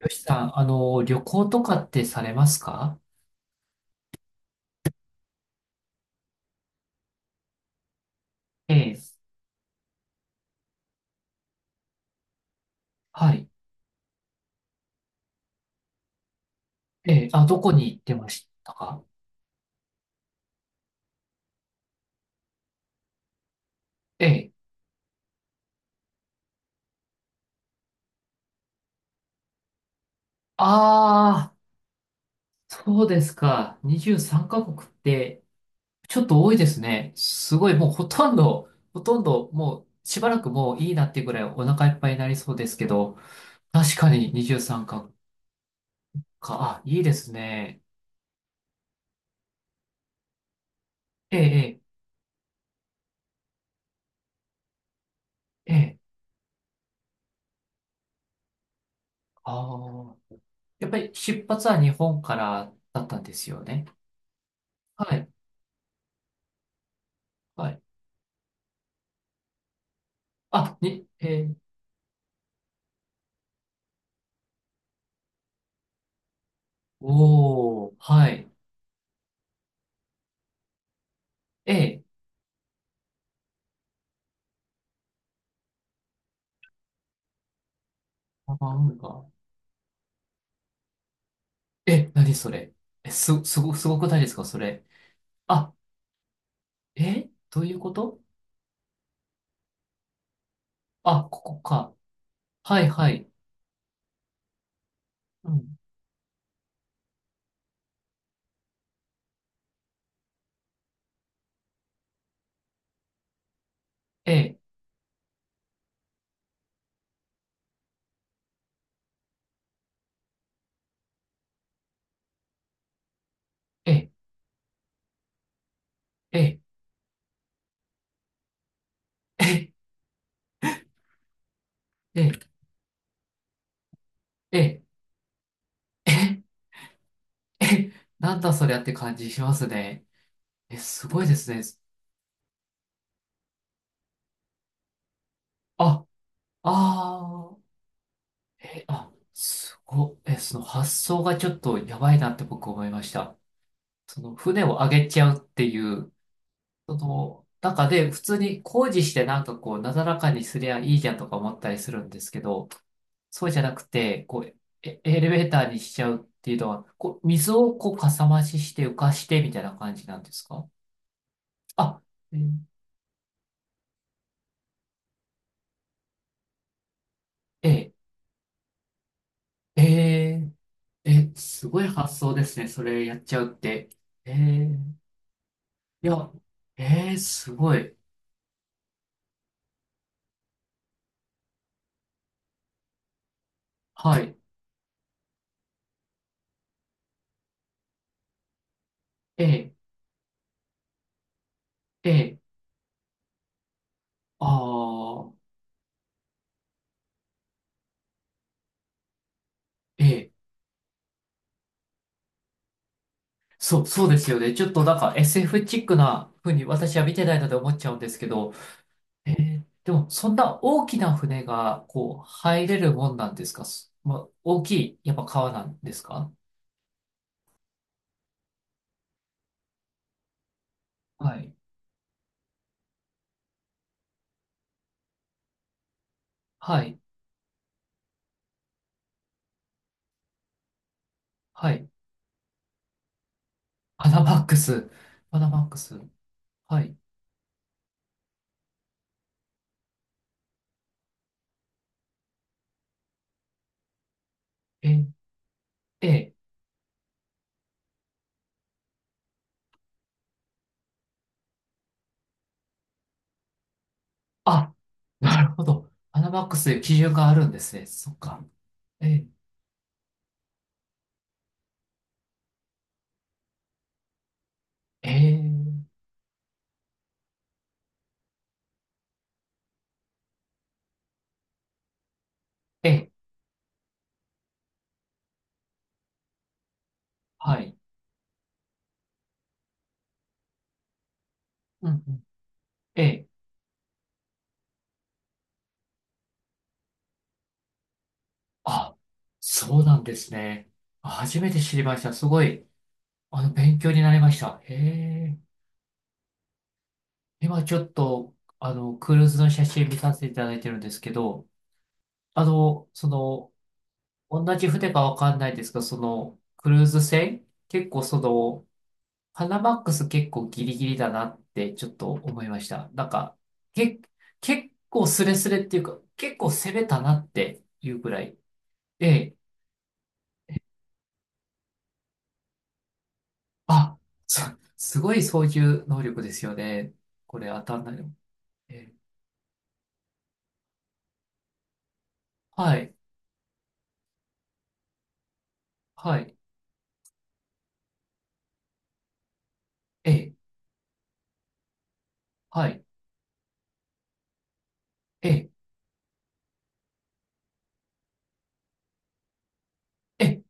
よしさん、旅行とかってされますか？ええ。はい。ええ。あ、どこに行ってましたか？ええ。ああ、そうですか。23カ国って、ちょっと多いですね。すごい、もうほとんど、ほとんど、もう、しばらくもういいなっていうぐらいお腹いっぱいになりそうですけど、確かに23カ国か。あ、いいですね。ええ、ええ、ええ。ああ。やっぱり出発は日本からだったんですよね。はい。はい。あ、に、え。おー、はい。え、なんか、え、何それ？え、すごくないですかそれ？あ、え、どういうこと？あ、ここか。はいはい。うん。え、え、え、え、え、え、え、え、え、なんだそりゃって感じしますね。え、すごいですね。あ、あー、え、あ、すご、え、その発想がちょっとやばいなって僕思いました。その船を上げちゃうっていう、その中で普通に工事してなんかこうなだらかにすりゃいいじゃんとか思ったりするんですけど、そうじゃなくて、こうエレベーターにしちゃうっていうのは、こう、水をこうかさ増しして浮かしてみたいな感じなんですか？あ、ええええええすごい発想ですね。それやっちゃうって。ええ、いや、ええすごい。はい。ええ、ああええそう、そうですよね。ちょっとなんか SF チックな風に私は見てないので思っちゃうんですけど、でもそんな大きな船がこう入れるもんなんですか？まあ、大きい、やっぱ川なんですか？はい。はい。はい。パナマックス。パナマックス。はい。ええ。あ、なるほど。パナマックスという基準があるんですね。そっか。ええーえはい。うんうん。え。あ、そうなんですね。あ、初めて知りました。すごい、勉強になりました。へえ。今ちょっと、クルーズの写真見させていただいてるんですけど、その、同じ船かわかんないですが、その、クルーズ船、結構その、パナマックス結構ギリギリだなってちょっと思いました。なんか、け、結構スレスレっていうか、結構攻めたなっていうくらい。ええ。あ、す、すごい操縦能力ですよね。これ当たんないの。えー、はい、はい、えー、はい、えー、えー、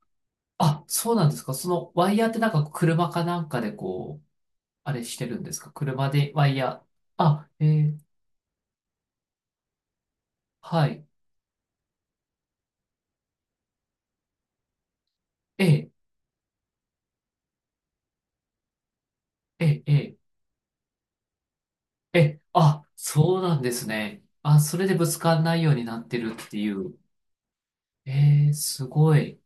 あ、そうなんですか。そのワイヤーってなんか車かなんかでこう、あれしてるんですか。車でワイヤー。あ、えー、はい、えー、えー、えー、えー、あ、そうなんですね。あ、それでぶつかんないようになってるっていう。えー、すごい。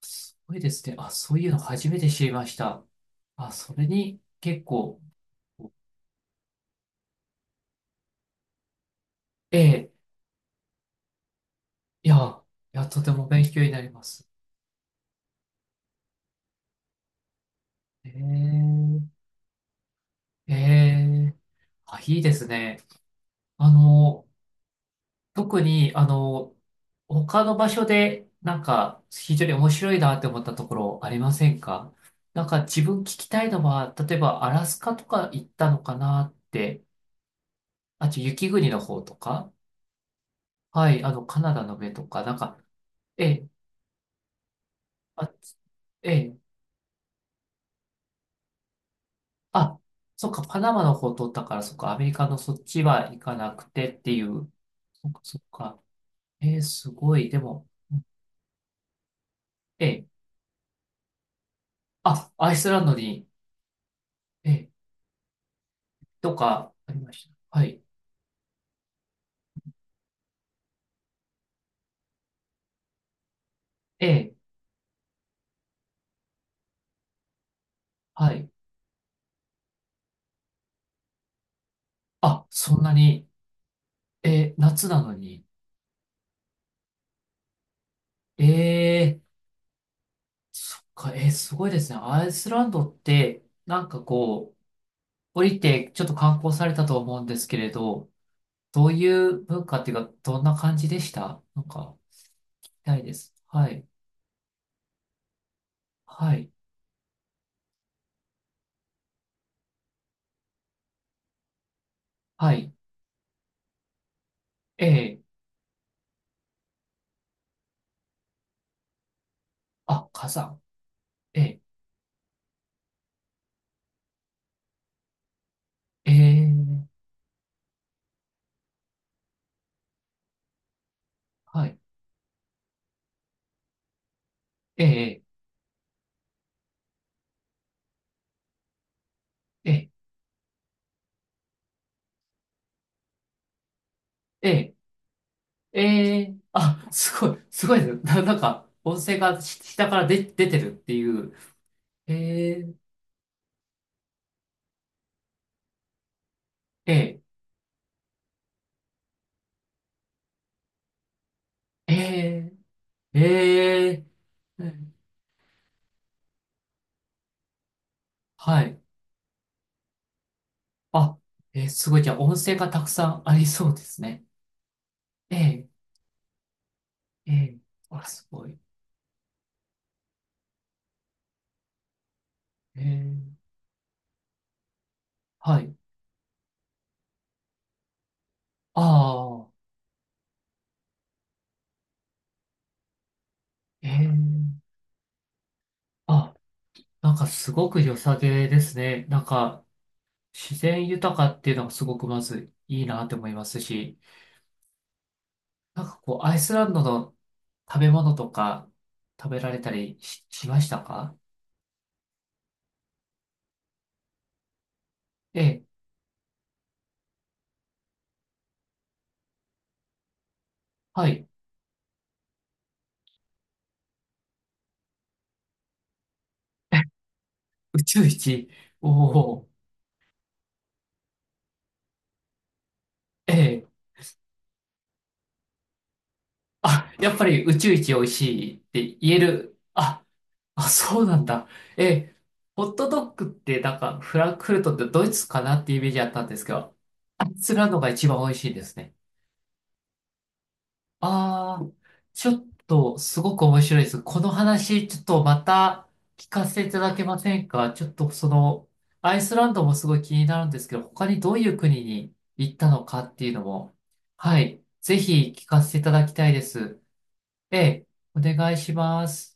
すごいですね。あ、そういうの初めて知りました。あ、それに結構。ええ、いや、いや、とても勉強になります。ええ、ええ、あ、いいですね。あの、特に、他の場所で、なんか、非常に面白いなって思ったところありませんか？なんか、自分聞きたいのは、例えば、アラスカとか行ったのかなって、あと、雪国の方とか、はい、カナダの上とか、なんか、ええ、あ、ええ。あ、そっか、パナマの方通ったから、そっか、アメリカのそっちは行かなくてっていう。そっか、そっか。えー、すごい。でも、えー、あ、アイスランドに、えー、とか、ありました。はい。えー、はい。あ、そんなに、えー、夏なのに。えー、そっか、えー、すごいですね。アイスランドって、なんかこう、降りて、ちょっと観光されたと思うんですけれど、どういう文化っていうか、どんな感じでした？なんか、みたいです。はい。はい。はい。ええ。あ、火山。ええ。ええ。はい。ええ。ええ。ええ。ええ。あ、すごい。すごいですね。なんか、音声がし下から出てるっていう。ええ。ええ。ええ。ええ。うん。はい。あ、すごい。じゃあ、音声がたくさんありそうですね。ええ。ええ。あ、すごい。ええ。はい。ああ。ええ。あ、なんかすごく良さげですね。なんか、自然豊かっていうのがすごくまずいいなって思いますし、なんかこう、アイスランドの食べ物とか食べられたりしましたか？ええ、はい。宇宙一。おお、ええ。あ、やっぱり宇宙一美味しいって言える。あ、あ、そうなんだ。ええ、ホットドッグってなんかフランクフルトってドイツかなってイメージあったんですけど、アイスランドが一番美味しいですね。ああ、ちょっとすごく面白いです。この話、ちょっとまた聞かせていただけませんか？ちょっとその、アイスランドもすごい気になるんですけど、他にどういう国に行ったのかっていうのも、はい、ぜひ聞かせていただきたいです。ええ、お願いします。